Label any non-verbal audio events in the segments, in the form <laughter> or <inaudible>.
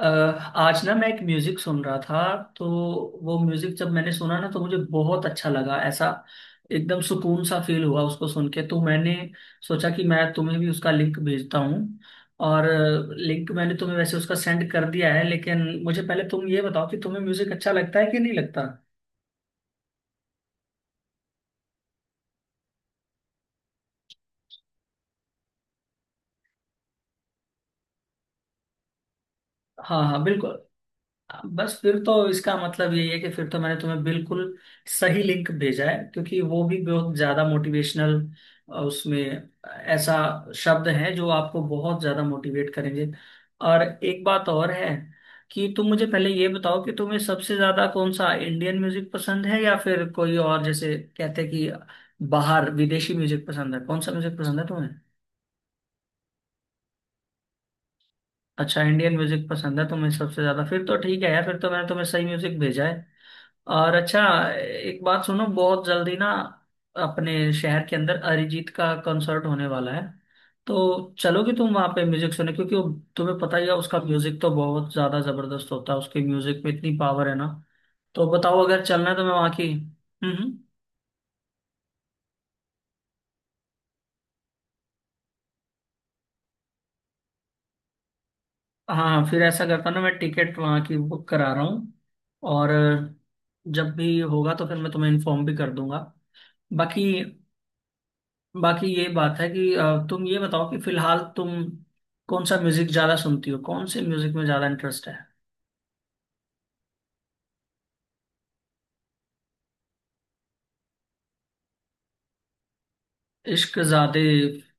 अ, आज ना मैं एक म्यूजिक सुन रहा था तो वो म्यूजिक जब मैंने सुना ना तो मुझे बहुत अच्छा लगा, ऐसा एकदम सुकून सा फील हुआ उसको सुन के। तो मैंने सोचा कि मैं तुम्हें भी उसका लिंक भेजता हूँ, और लिंक मैंने तुम्हें वैसे उसका सेंड कर दिया है। लेकिन मुझे पहले तुम ये बताओ कि तुम्हें म्यूजिक अच्छा लगता है कि नहीं लगता। हाँ हाँ, बिल्कुल। बस फिर तो इसका मतलब यही है कि फिर तो मैंने तुम्हें बिल्कुल सही लिंक भेजा है, क्योंकि वो भी बहुत ज्यादा मोटिवेशनल, उसमें ऐसा शब्द है जो आपको बहुत ज्यादा मोटिवेट करेंगे। और एक बात और है कि तुम मुझे पहले ये बताओ कि तुम्हें सबसे ज्यादा कौन सा इंडियन म्यूजिक पसंद है या फिर कोई और, जैसे कहते हैं कि बाहर विदेशी म्यूजिक पसंद है, कौन सा म्यूजिक पसंद है तुम्हें। अच्छा, इंडियन म्यूजिक पसंद है तुम्हें सबसे ज्यादा, फिर तो ठीक है यार, फिर तो मैंने तुम्हें सही म्यूजिक भेजा है। और अच्छा, एक बात सुनो, बहुत जल्दी ना अपने शहर के अंदर अरिजीत का कॉन्सर्ट होने वाला है। तो चलोगे तुम वहां पे म्यूजिक सुनने, क्योंकि तुम्हें पता ही है उसका म्यूजिक तो बहुत ज्यादा जबरदस्त होता है, उसके म्यूजिक में इतनी पावर है ना। तो बताओ, अगर चलना है तो मैं वहां की। हाँ फिर ऐसा करता हूँ ना, मैं टिकट वहाँ की बुक करा रहा हूँ, और जब भी होगा तो फिर मैं तुम्हें इन्फॉर्म भी कर दूंगा। बाकी, ये बात है कि तुम ये बताओ कि फिलहाल तुम कौन सा म्यूजिक ज्यादा सुनती हो, कौन से म्यूजिक में ज्यादा इंटरेस्ट है। इश्क ज़ादे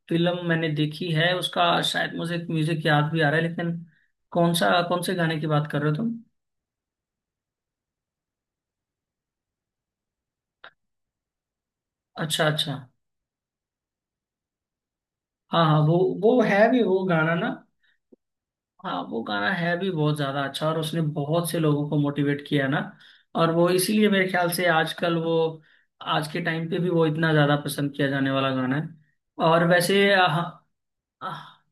फिल्म मैंने देखी है, उसका शायद मुझे म्यूजिक याद भी आ रहा है, लेकिन कौन सा, कौन से गाने की बात कर रहे हो तुम। अच्छा अच्छा। हाँ हाँ, वो है भी वो गाना ना। हाँ, वो गाना है भी बहुत ज्यादा अच्छा और उसने बहुत से लोगों को मोटिवेट किया है ना। और वो इसीलिए मेरे ख्याल से आजकल वो, आज के टाइम पे भी वो इतना ज्यादा पसंद किया जाने वाला गाना है। और वैसे, हाँ हाँ। अ,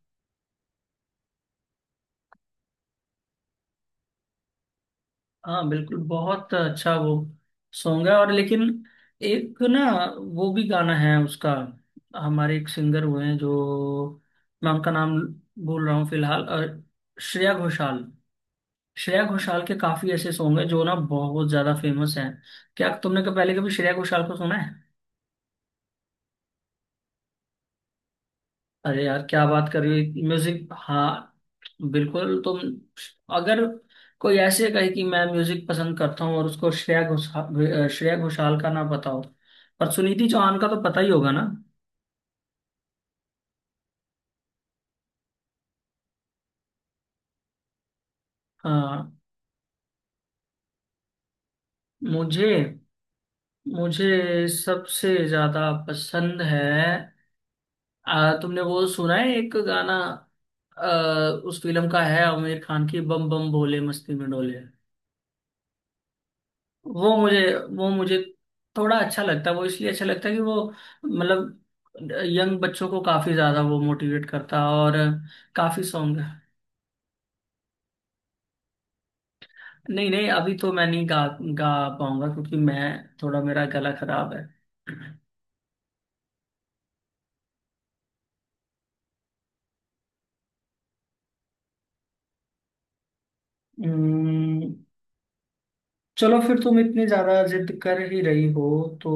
हाँ, बिल्कुल, बहुत अच्छा वो सॉन्ग है, और लेकिन एक ना वो भी गाना है उसका। हमारे एक सिंगर हुए हैं जो, मैं उनका नाम भूल रहा हूँ फिलहाल, अ, श्रेया घोषाल। श्रेया घोषाल के काफी ऐसे सॉन्ग हैं जो ना बहुत ज्यादा फेमस हैं। क्या तुमने कभी पहले, कभी श्रेया घोषाल को सुना है। अरे यार, क्या बात कर रही हो, म्यूजिक, हाँ। बिल्कुल, तुम अगर कोई ऐसे कहे कि मैं म्यूजिक पसंद करता हूँ और उसको श्रेया घोषाल का ना पता हो। पर सुनीति चौहान का तो पता ही होगा ना। हाँ, मुझे मुझे सबसे ज्यादा पसंद है। तुमने वो सुना है एक गाना, आ, उस फिल्म का है, आमिर खान की, बम बम भोले मस्ती में डोले। वो मुझे वो मुझे थोड़ा अच्छा लगता है, वो इसलिए अच्छा लगता है कि वो, मतलब यंग बच्चों को काफी ज्यादा वो मोटिवेट करता है, और काफी सॉन्ग। नहीं नहीं, अभी तो मैं नहीं गा गा पाऊंगा क्योंकि मैं, थोड़ा मेरा गला खराब है। हम्म, चलो फिर, तुम इतनी ज्यादा जिद कर ही रही हो तो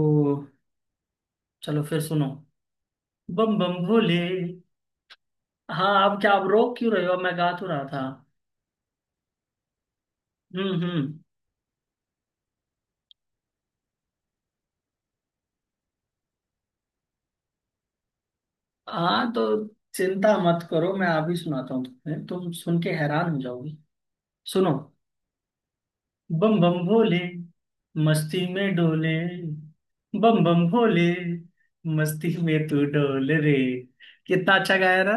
चलो फिर सुनो, बम बम भोले। हाँ, आप क्या, आप रोक क्यों रहे हो, मैं गा तो रहा था। हम्म। हाँ तो चिंता मत करो, मैं अभी सुनाता हूँ तुम्हें, तुम सुन के हैरान हो जाओगी। सुनो, बम बम भोले, मस्ती में डोले, बम बम भोले, मस्ती में तू डोल रे। कितना अच्छा गाया ना।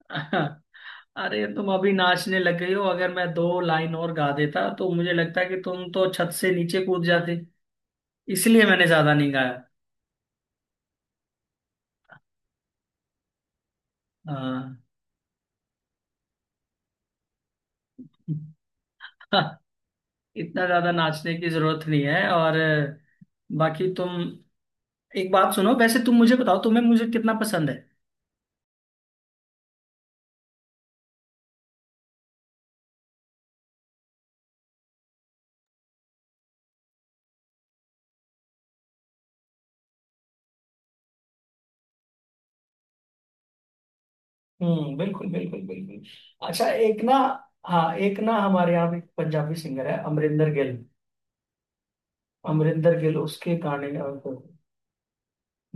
<laughs> अरे, तुम अभी नाचने लग गई हो, अगर मैं दो लाइन और गा देता तो मुझे लगता है कि तुम तो छत से नीचे कूद जाते, इसलिए मैंने ज्यादा नहीं गाया। हाँ। <laughs> इतना ज्यादा नाचने की जरूरत नहीं है। और बाकी तुम, एक बात सुनो, वैसे तुम मुझे बताओ तुम्हें म्यूजिक कितना पसंद है। हम्म, बिल्कुल बिल्कुल बिल्कुल। अच्छा, एक ना, हाँ, एक ना हमारे यहाँ एक पंजाबी सिंगर है, अमरिंदर गिल। अमरिंदर गिल, उसके गाने,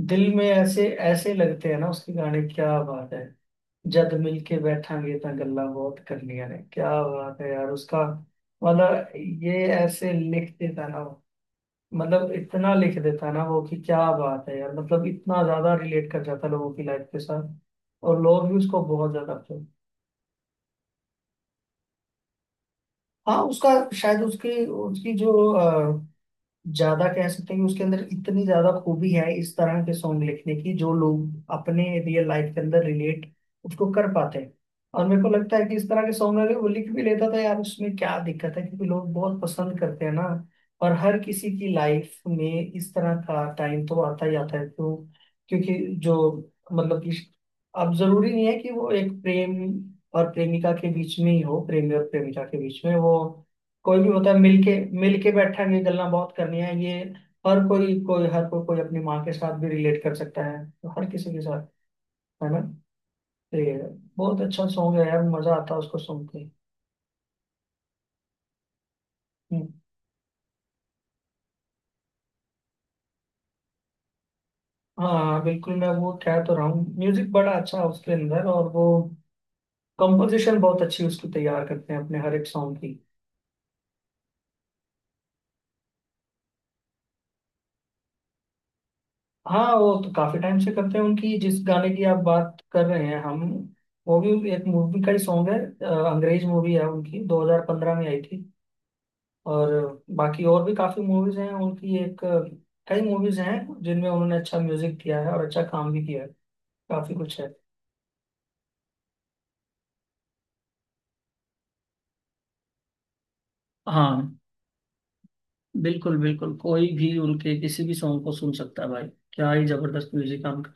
दिल में ऐसे ऐसे लगते हैं ना, उसके गाने, क्या बात है। जद मिल के बैठांगे ता गल्ला बहुत करनिया ने, क्या बात है यार उसका। मतलब ये ऐसे लिख देता ना, मतलब इतना लिख देता है ना वो कि क्या बात है यार, मतलब इतना ज्यादा रिलेट कर जाता है लोगों की लाइफ के साथ, और लोग भी उसको बहुत ज्यादा पसंद। हाँ, उसका शायद, उसकी उसकी जो, ज्यादा कह सकते हैं कि उसके अंदर इतनी ज्यादा खूबी है इस तरह के सॉन्ग लिखने की, जो लोग अपने रियल लाइफ के अंदर रिलेट उसको कर पाते हैं। और मेरे को लगता है कि इस तरह के सॉन्ग अगर वो लिख भी लेता था यार, उसमें क्या दिक्कत है, क्योंकि लोग बहुत पसंद करते हैं ना। और हर किसी की लाइफ में इस तरह का टाइम तो आता ही आता है। क्यों, क्योंकि जो, मतलब कि अब जरूरी नहीं है कि वो एक प्रेम और प्रेमिका के बीच में ही हो, प्रेमी और प्रेमिका के बीच में वो, कोई भी होता है मिलके। मिलके बैठा के गल्ला बहुत करनी है ये। हर कोई कोई अपनी माँ के साथ भी रिलेट कर सकता है, तो हर किसी के साथ, है ना। तो ये बहुत अच्छा सॉन्ग है यार, मजा आता है उसको सुन के। हम्म, हाँ बिल्कुल, मैं वो कह तो रहा हूँ, म्यूजिक बड़ा अच्छा है उसके अंदर, और वो कंपोजिशन बहुत अच्छी उसकी तैयार करते हैं अपने हर एक सॉन्ग की। हाँ वो तो काफी टाइम से करते हैं, उनकी जिस गाने की आप बात कर रहे हैं हम, वो भी एक मूवी का ही सॉन्ग है। अंग्रेज मूवी है उनकी, 2015 में आई थी। और बाकी और भी काफी मूवीज हैं उनकी, एक, कई मूवीज हैं जिनमें उन्होंने अच्छा म्यूजिक दिया है और अच्छा काम भी किया है, काफी कुछ है। हाँ बिल्कुल बिल्कुल, कोई भी उनके किसी भी सॉन्ग को सुन सकता है भाई, क्या ही जबरदस्त म्यूजिक काम कर।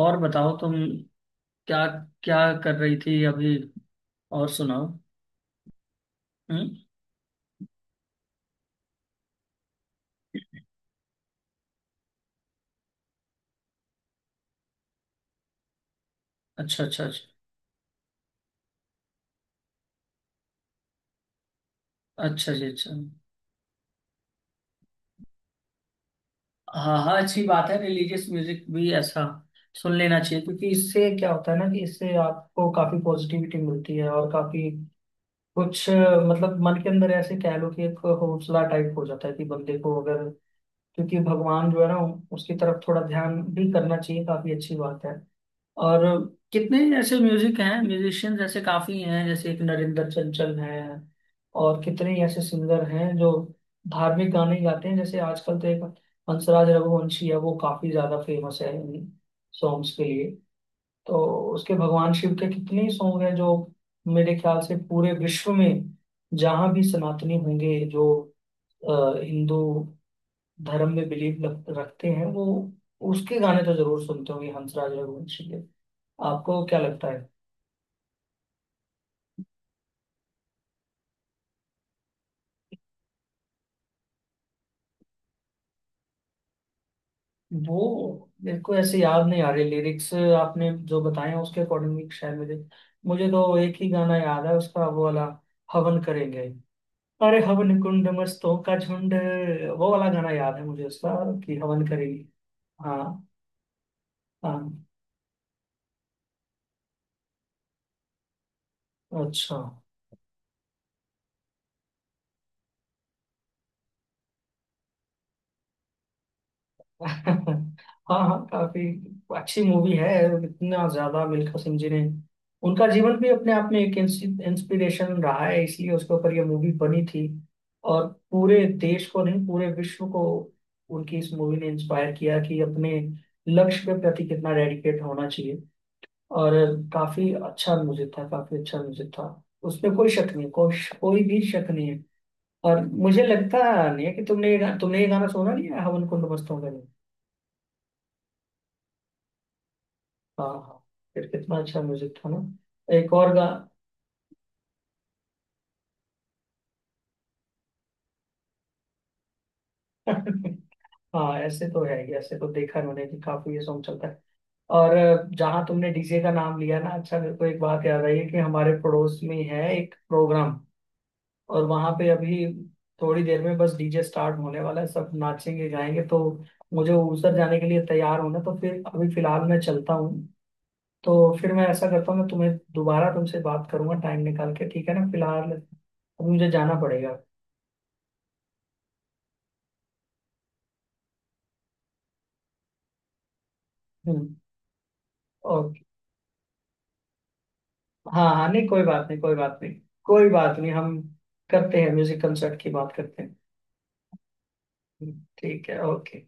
और बताओ तुम, क्या क्या कर रही थी अभी, और सुनाओ। हम्म। अच्छा अच्छा अच्छा। अच्छा जी, अच्छा। हाँ हाँ, अच्छी बात है, रिलीजियस म्यूजिक भी ऐसा सुन लेना चाहिए, क्योंकि, इससे क्या होता है ना, कि इससे आपको काफी पॉजिटिविटी मिलती है और काफी कुछ, मतलब मन के अंदर ऐसे कह लो कि एक हौसला टाइप हो जाता है, कि बंदे को अगर, क्योंकि भगवान जो है ना, उसकी तरफ थोड़ा ध्यान भी करना चाहिए, काफी अच्छी बात है। और कितने ऐसे म्यूजिक हैं, म्यूजिशियन ऐसे काफी हैं, जैसे एक नरेंद्र चंचल हैं। और कितने ही ऐसे सिंगर हैं जो धार्मिक गाने गाते हैं, जैसे आजकल तो एक हंसराज रघुवंशी है, वो काफी ज्यादा फेमस है इन सॉन्ग्स के लिए। तो उसके भगवान शिव के कितने ही सॉन्ग हैं जो मेरे ख्याल से पूरे विश्व में, जहाँ भी सनातनी होंगे, जो हिंदू धर्म में बिलीव रखते हैं, वो उसके गाने तो जरूर सुनते होंगे, हंसराज रघुवंशी के। आपको क्या लगता है। वो मेरे को ऐसे याद नहीं आ रहे, लिरिक्स आपने जो बताए हैं उसके अकॉर्डिंग, शायद मुझे मुझे तो एक ही गाना याद है उसका, वो वाला, हवन करेंगे। अरे, हवन कुंड मस्तों का झुंड, वो वाला गाना याद है मुझे उसका, कि हवन करेंगे। हाँ हाँ, अच्छा। <laughs> हाँ हाँ, काफी अच्छी मूवी है। इतना ज्यादा मिल्खा सिंह जी ने, उनका जीवन भी अपने आप में एक इंस्पिरेशन रहा है, इसलिए उसके ऊपर ये मूवी बनी थी, और पूरे देश को नहीं, पूरे विश्व को उनकी इस मूवी ने इंस्पायर किया कि अपने लक्ष्य के प्रति कितना डेडिकेट होना चाहिए। और काफी अच्छा म्यूजिक था, काफी अच्छा म्यूजिक था, उसमें कोई शक नहीं, कोई कोई भी शक नहीं है। और मुझे लगता नहीं है कि तुमने ये गाना सुना नहीं है, हवन कुंड मस्तों का, नहीं। हाँ हाँ, फिर कितना अच्छा म्यूजिक था ना। एक और गा। <laughs> हाँ, ऐसे तो है ही, ऐसे तो देखा है मैंने कि काफी ये सॉन्ग चलता है। और जहाँ तुमने डीजे का नाम लिया ना, अच्छा मेरे को एक बात याद आई है, कि हमारे पड़ोस में है एक प्रोग्राम, और वहां पे अभी थोड़ी देर में बस डीजे स्टार्ट होने वाला है, सब नाचेंगे गाएंगे, तो मुझे ऊसर जाने के लिए तैयार होना, तो फिर अभी फिलहाल मैं चलता हूँ। तो फिर मैं ऐसा करता हूँ, मैं तुम्हें दोबारा तुमसे बात करूंगा टाइम निकाल के, ठीक है ना, फिलहाल अब मुझे जाना पड़ेगा। हम्म। और हाँ हाँ, नहीं, कोई बात नहीं, कोई बात नहीं, कोई बात नहीं, हम करते हैं म्यूजिक कंसर्ट की बात करते हैं। ठीक है, ओके।